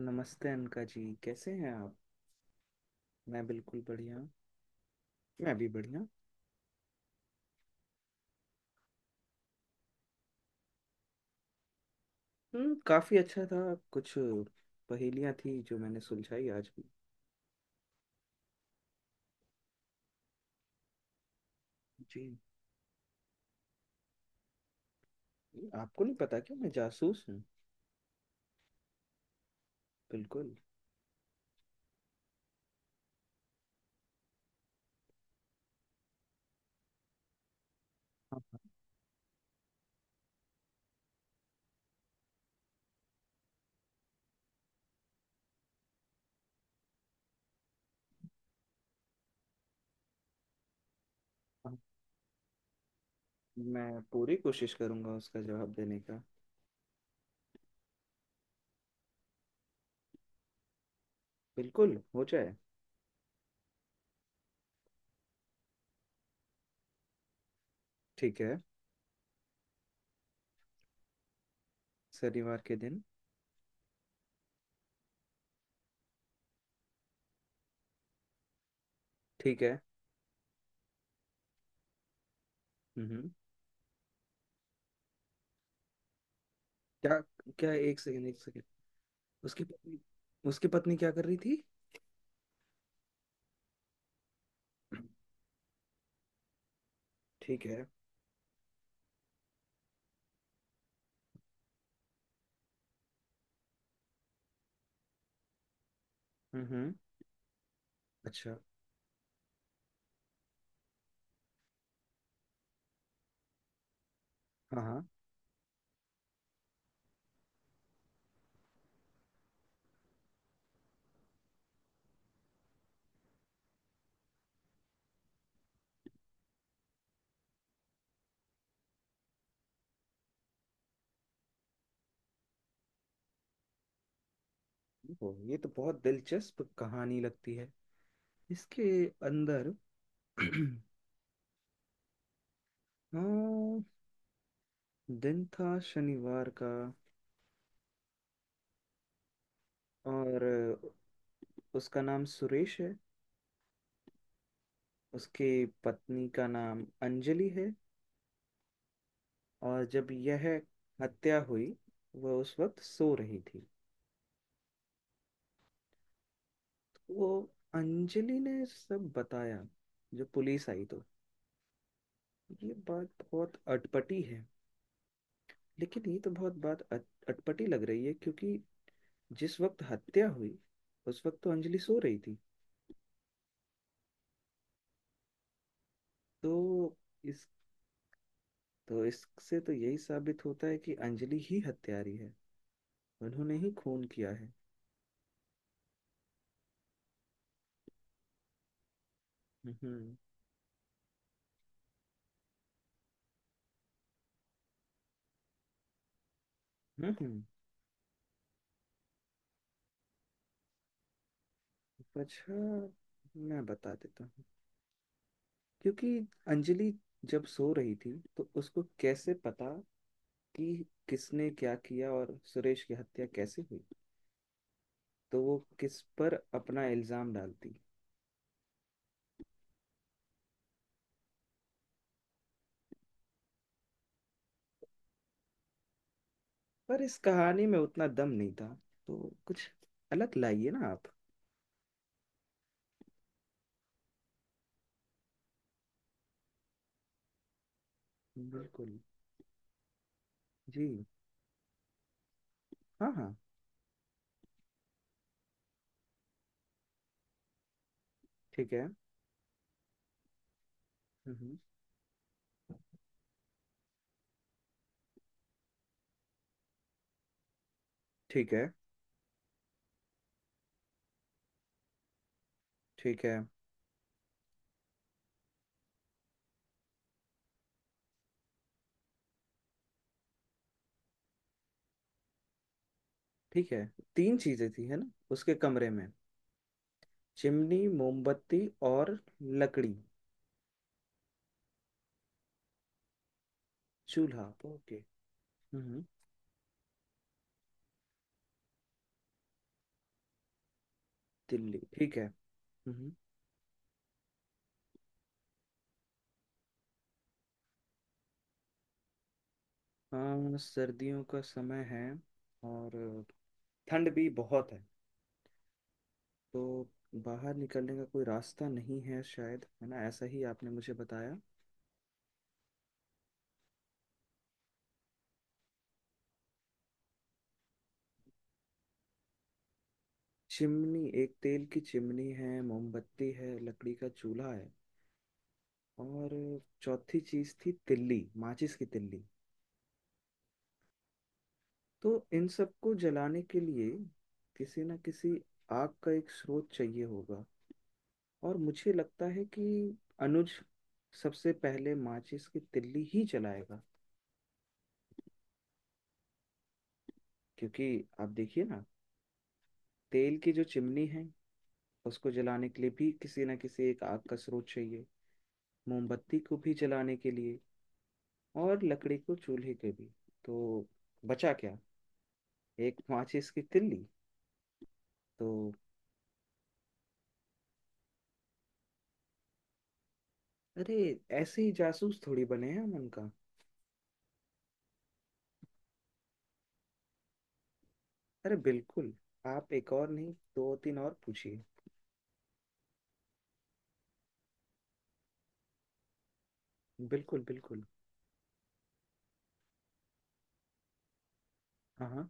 नमस्ते अनका जी, कैसे हैं आप? मैं बिल्कुल बढ़िया। मैं भी बढ़िया। काफी अच्छा था। कुछ पहेलियां थी जो मैंने सुलझाई आज भी। जी। आपको नहीं पता क्या मैं जासूस हूँ? बिल्कुल। हाँ, हाँ, हाँ। मैं पूरी कोशिश करूंगा उसका जवाब देने का। बिल्कुल, हो जाए। ठीक है। शनिवार के दिन। ठीक है। हम्म। क्या, क्या, एक सेकेंड, एक सेकेंड। उसकी पत्नी उसकी पत्नी क्या कर रही थी? ठीक है। हम्म। अच्छा। हाँ, हाँ। ओ, ये तो बहुत दिलचस्प कहानी लगती है। इसके अंदर हाँ, दिन था शनिवार का। और उसका नाम सुरेश है। उसकी पत्नी का नाम अंजलि है। और जब यह हत्या हुई, वह उस वक्त सो रही थी। वो, अंजलि ने सब बताया जो पुलिस आई तो। ये बात बहुत अटपटी है। लेकिन ये तो बहुत बात अटपटी लग रही है, क्योंकि जिस वक्त हत्या हुई उस वक्त तो अंजलि सो रही थी। तो इस तो इससे तो यही साबित होता है कि अंजलि ही हत्यारी है। उन्होंने ही खून किया है। हम्म। हम्म। वजह मैं बता देता हूँ। क्योंकि अंजलि जब सो रही थी तो उसको कैसे पता कि किसने क्या किया और सुरेश की हत्या कैसे हुई? तो वो किस पर अपना इल्जाम डालती? पर इस कहानी में उतना दम नहीं था, तो कुछ अलग लाइए ना आप। बिल्कुल। जी। हाँ, हाँ। ठीक है। हम्म। ठीक है, ठीक है, ठीक है। तीन चीजें थी, है ना, उसके कमरे में? चिमनी, मोमबत्ती और लकड़ी। चूल्हा, ओके। हम्म। दिल्ली, ठीक है। हम्म। हाँ, सर्दियों का समय है। और ठंड भी बहुत है। तो बाहर निकलने का कोई रास्ता नहीं है शायद, है ना? ऐसा ही आपने मुझे बताया। चिमनी, एक तेल की चिमनी है, मोमबत्ती है, लकड़ी का चूल्हा है। और चौथी चीज थी तिल्ली, माचिस की तिल्ली। तो इन सबको जलाने के लिए किसी ना किसी आग का एक स्रोत चाहिए होगा। और मुझे लगता है कि अनुज सबसे पहले माचिस की तिल्ली ही जलाएगा। क्योंकि आप देखिए ना, तेल की जो चिमनी है उसको जलाने के लिए भी किसी ना किसी एक आग का स्रोत चाहिए। मोमबत्ती को भी जलाने के लिए। और लकड़ी को चूल्हे के भी। तो बचा क्या? एक माचिस की तिल्ली। तो अरे, ऐसे ही जासूस थोड़ी बने हैं हम उनका। अरे बिल्कुल। आप एक और नहीं, दो तीन और पूछिए। बिल्कुल, बिल्कुल। हाँ, हाँ।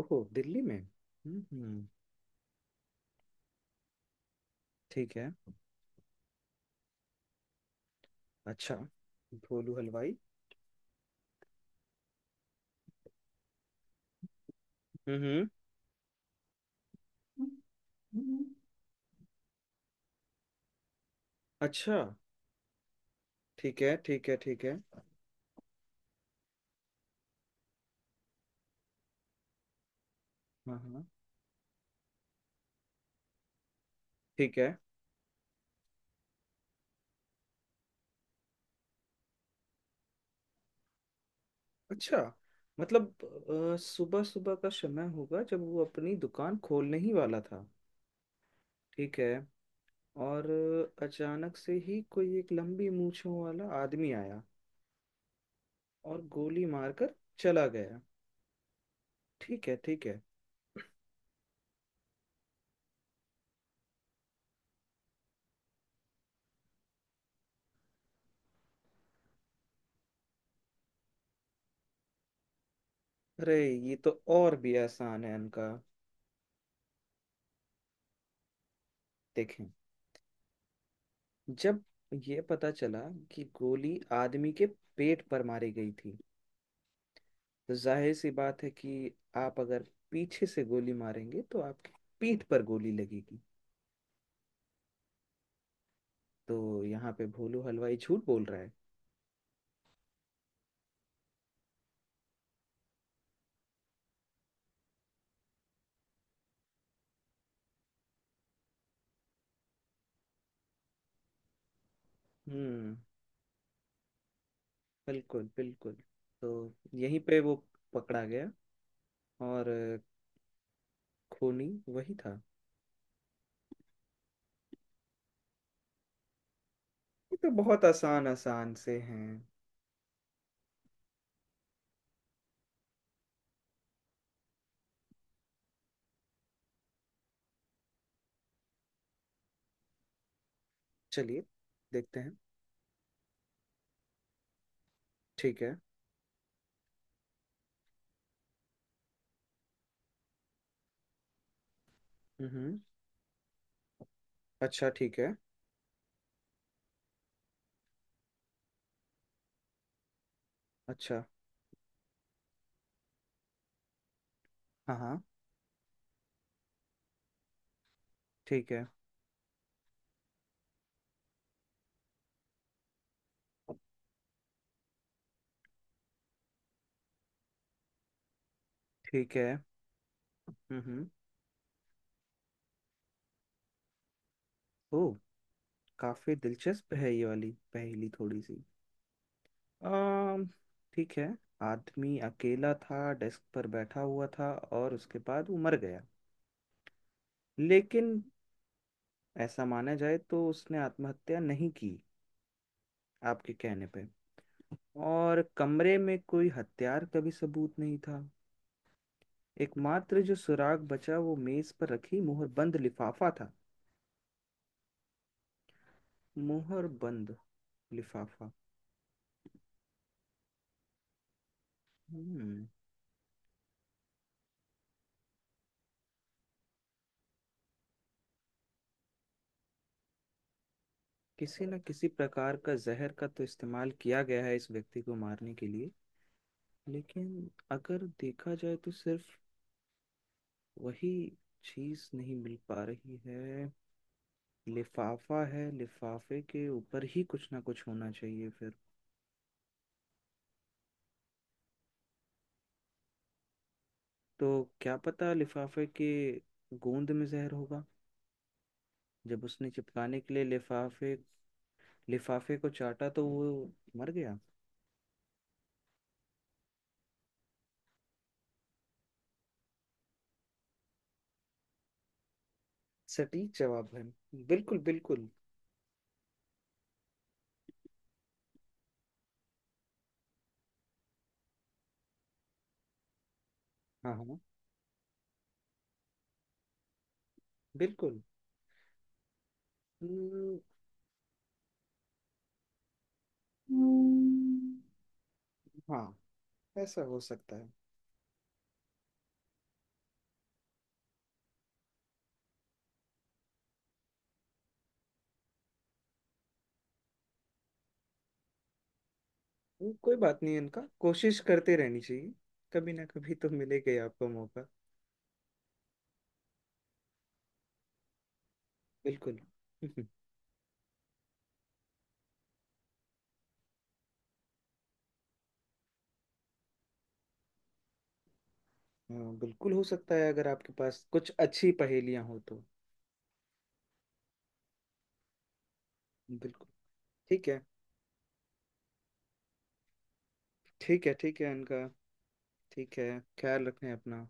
ओहो, दिल्ली में। हम्म, हम्म। ठीक है। अच्छा, भोलू हलवाई। हम्म, हम्म, अच्छा। ठीक है, ठीक है, ठीक है। हाँ, हाँ। ठीक है। अच्छा, मतलब सुबह सुबह का समय होगा जब वो अपनी दुकान खोलने ही वाला था। ठीक है। और अचानक से ही कोई एक लंबी मूंछों वाला आदमी आया और गोली मारकर चला गया। ठीक है, ठीक है। अरे ये तो और भी आसान है इनका। देखें, जब ये पता चला कि गोली आदमी के पेट पर मारी गई थी, तो जाहिर सी बात है कि आप अगर पीछे से गोली मारेंगे तो आपकी पीठ पर गोली लगेगी। तो यहाँ पे भोलू हलवाई झूठ बोल रहा है। हम्म। बिल्कुल, बिल्कुल। तो यहीं पे वो पकड़ा गया। और खूनी वही था। ये तो बहुत आसान आसान से हैं। चलिए, देखते हैं। ठीक है। हम्म, अच्छा, ठीक है। अच्छा। हाँ, हाँ। ठीक है, ठीक है। हम्म। ओ, काफी दिलचस्प है ये वाली पहेली, थोड़ी सी। अम ठीक है। आदमी अकेला था, डेस्क पर बैठा हुआ था और उसके बाद वो मर गया। लेकिन ऐसा माना जाए तो उसने आत्महत्या नहीं की। आपके कहने पे। और कमरे में कोई हथियार का भी सबूत नहीं था। एकमात्र जो सुराग बचा वो मेज पर रखी मुहरबंद लिफाफा था। मुहरबंद लिफाफा। हम्म। किसी न किसी प्रकार का जहर का तो इस्तेमाल किया गया है इस व्यक्ति को मारने के लिए। लेकिन अगर देखा जाए तो सिर्फ वही चीज नहीं मिल पा रही है। लिफाफा है, लिफाफे के ऊपर ही कुछ ना कुछ होना चाहिए फिर। तो क्या पता लिफाफे के गोंद में जहर होगा। जब उसने चिपकाने के लिए लिफाफे लिफाफे को चाटा तो वो मर गया। सटीक जवाब है। बिल्कुल, बिल्कुल। हाँ, हाँ। बिल्कुल। हम्म, हम्म। हाँ। ऐसा हो सकता है। कोई बात नहीं, इनका कोशिश करते रहनी चाहिए। कभी ना कभी तो मिलेगा ही आपको मौका। बिल्कुल। हाँ, बिल्कुल हो सकता है, अगर आपके पास कुछ अच्छी पहेलियां हो तो। बिल्कुल। ठीक है, ठीक है। ठीक है इनका। ठीक है। ख्याल रखें अपना।